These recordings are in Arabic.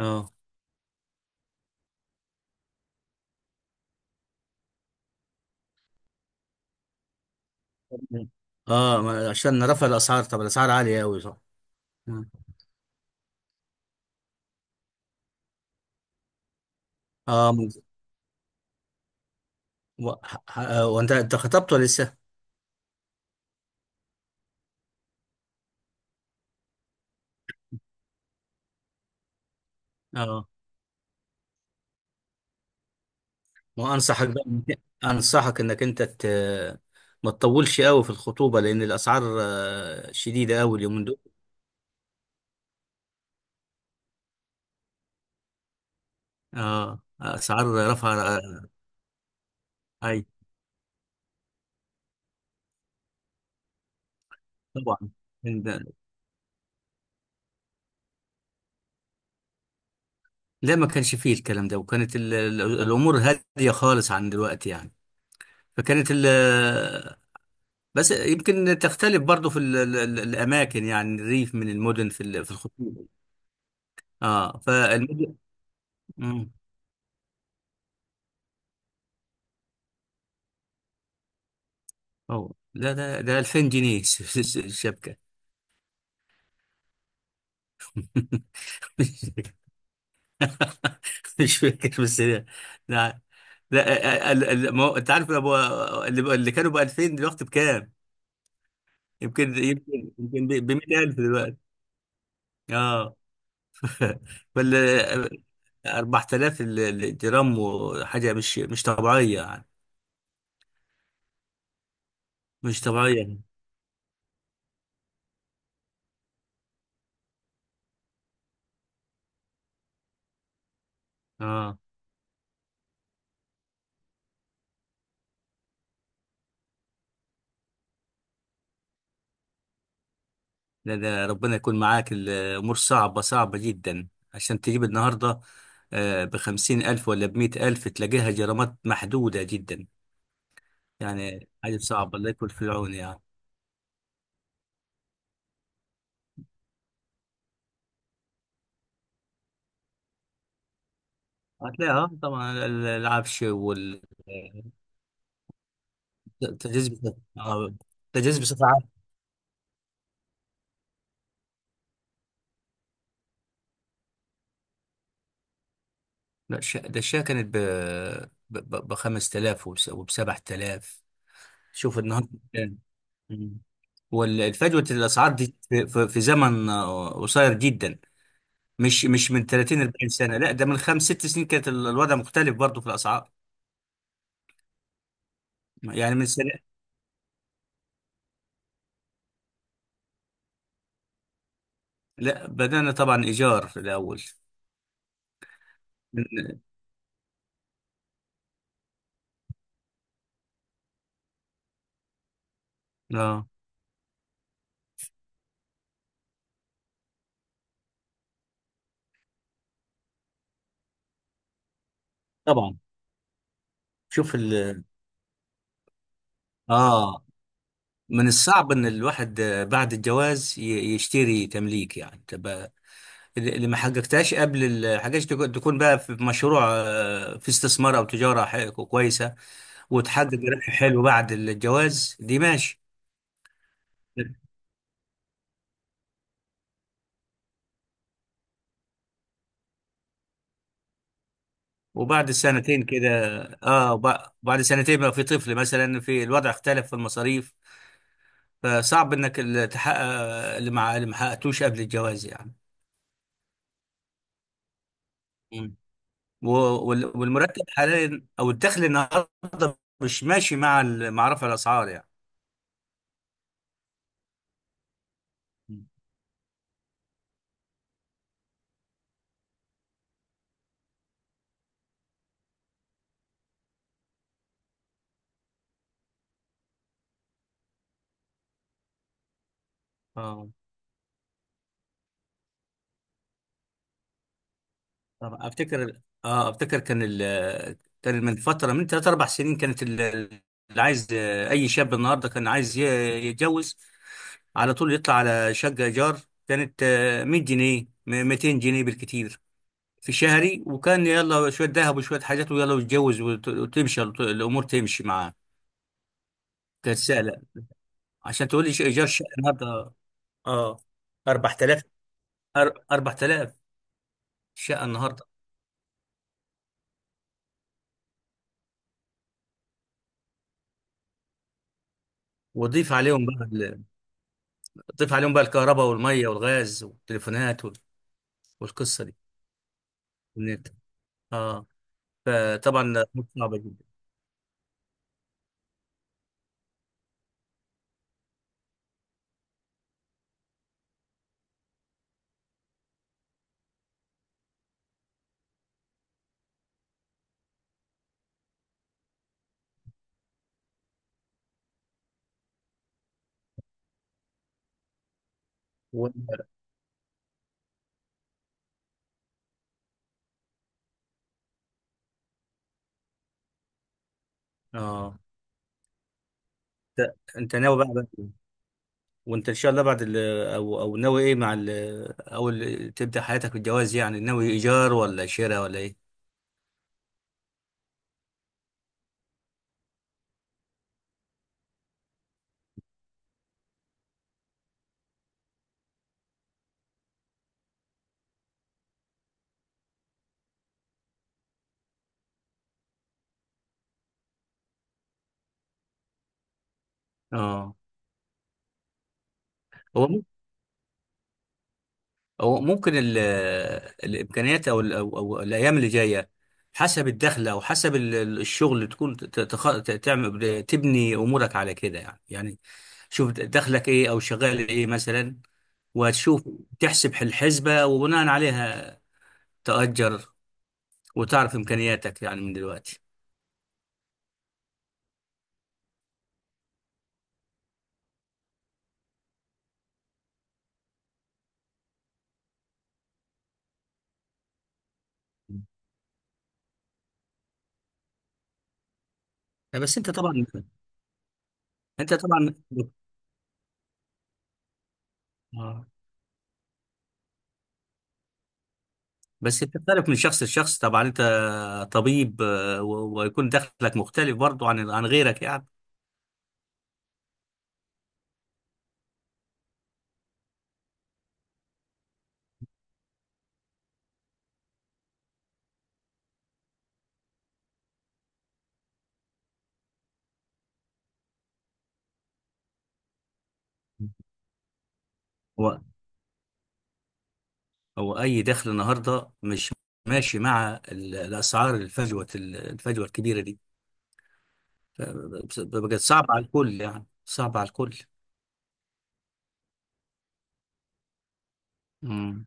اه اه، عشان رفع الاسعار. طب الاسعار عاليه قوي، صح؟ مم. اه. وانت انت خطبت ولا لسه؟ اه، وانصحك بقى. انصحك انك انت ت... ما تطولش قوي في الخطوبه، لان الاسعار شديده قوي اليومين دول. اه، اسعار رفع، اي طبعا. إن- لا، ما كانش فيه الكلام ده، وكانت الامور هاديه خالص عن دلوقتي يعني. فكانت ال. بس يمكن تختلف برضو في ال ال ال الأماكن يعني الريف من المدن في في الخطوط. اه، فالمدن. مم. أوه. لا، ده 2000 جنيه. الشبكة. مش مش فاكر، بس لا. لا، لا، ال- ال- ما هو- انت عارف ابو. اللي كانوا ب 2000 دلوقتي بكام؟ يمكن ب 100000 دلوقتي. اه. ولا 4000، الجرام، وحاجة مش طبيعية يعني. مش طبيعية. اه. لا، ده ربنا يكون معاك، الامور صعبه صعبه جدا، عشان تجيب النهارده. ب50 ألف ولا ب100 ألف تلاقيها جرامات محدوده جدا. يعني حاجه صعبه، الله يكون في العون يعني. هتلاقيها، طبعا العفش وال التجهيز بص- آه، التجهيز بصفه عامه. لا، ده الشاي كانت ب 5000 وب 7000. شوف النهارده كام. مم. والفجوه الاسعار دي في زمن قصير جدا، مش من 30 40 سنه. لا، ده من 5 6 سنين كانت الوضع مختلف برضه في الاسعار، يعني من سنه. لا، بدانا طبعا ايجار في الاول. من- اه، طبعا. شوف ال اه. من الصعب ان الواحد بعد الجواز يشتري تمليك، يعني تبقى اللي ما حققتهاش قبل حاجات، تكون بقى في مشروع، في استثمار او تجاره كويسه، وتحقق ربح حلو بعد الجواز، دي ماشي. وبعد سنتين كده، اه وب- بعد سنتين بقى في طفل مثلا، في الوضع اختلف في المصاريف، فصعب انك تحقق اللي ما حققتوش قبل الجواز يعني. مم. و- والمرتب حاليا او الدخل النهارده مش ماشي مع رفع الاسعار يعني. مم. اه، طب افتكر. اه افتكر كان ال كان من فتره من 3 4 سنين كانت اللي عايز، اي شاب النهارده كان عايز يتجوز، على طول يطلع على شقة إيجار كانت، 100 جنيه 200 جنيه بالكتير في شهري، وكان يلا شوية ذهب وشوية حاجات ويلا ويتجوز، وتمشي الأمور تمشي معاه، كانت سهلة. عشان تقول لي، إيجار شقة النهاردة. آه، 4000 أر- 4000 شقة النهاردة. وضيف عليهم بقى، ضيف عليهم بقى الكهرباء والمية والغاز والتليفونات، والقصة دي، والنت. آه، فطبعا صعبة جدا. و. آه، أنت أنت ناوي بقى. وانت ان شاء الله بعد ال، او ناوي ايه مع ال، او تبدا حياتك بالجواز، يعني ناوي ايجار ولا شراء ولا ايه؟ اه. هو مم- هو ممكن ال الامكانيات، او ال او او الايام اللي جايه، حسب الدخل او حسب الشغل، تكون تعمل، تبني امورك على كده يعني. شوف دخلك ايه او شغال ايه مثلا، وتشوف، تحسب الحسبه وبناء عليها تأجر، وتعرف امكانياتك يعني من دلوقتي. بس انت طبعا. انت طبعا، آه. بس بتختلف من شخص لشخص، طبعا انت طبيب، ويكون دخلك مختلف برضو عن غيرك يعني. هو هو اي دخل النهارده مش ماشي مع الاسعار، الفجوه الكبيره دي، ف- بقت صعبه على الكل، يعني صعبه على الكل. مم.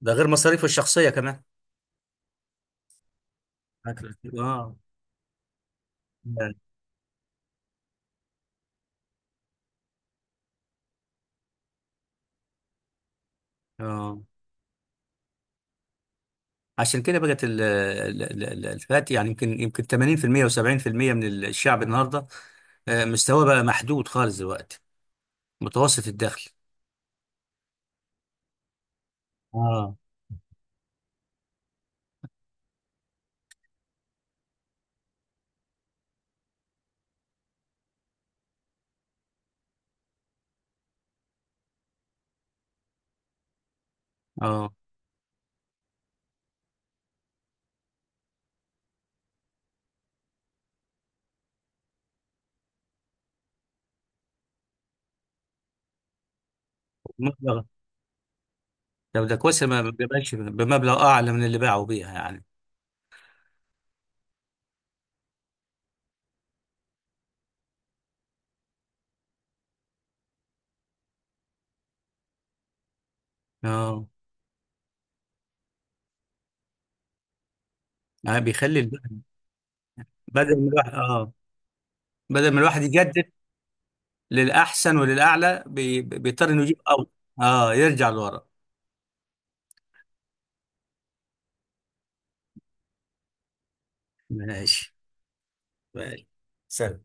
ده غير مصاريفه الشخصيه كمان. أكلك. اه. اه، عشان كده بقت الفئات، يعني يمكن 80% و70% من الشعب النهارده، مستواه بقى محدود خالص دلوقتي، متوسط الدخل. اه، اه، مبلغ. طب ده كويس، ما ما بيبقاش بمبلغ اعلى من اللي باعوا بيها يعني. اه، آه، بيخلي الواحد. بدل ما الواحد اه بدل ما الواحد يجدد للاحسن وللاعلى، بيضطر انه يجيب اول. اه، يرجع لورا. ماشي، ماشي. سلام.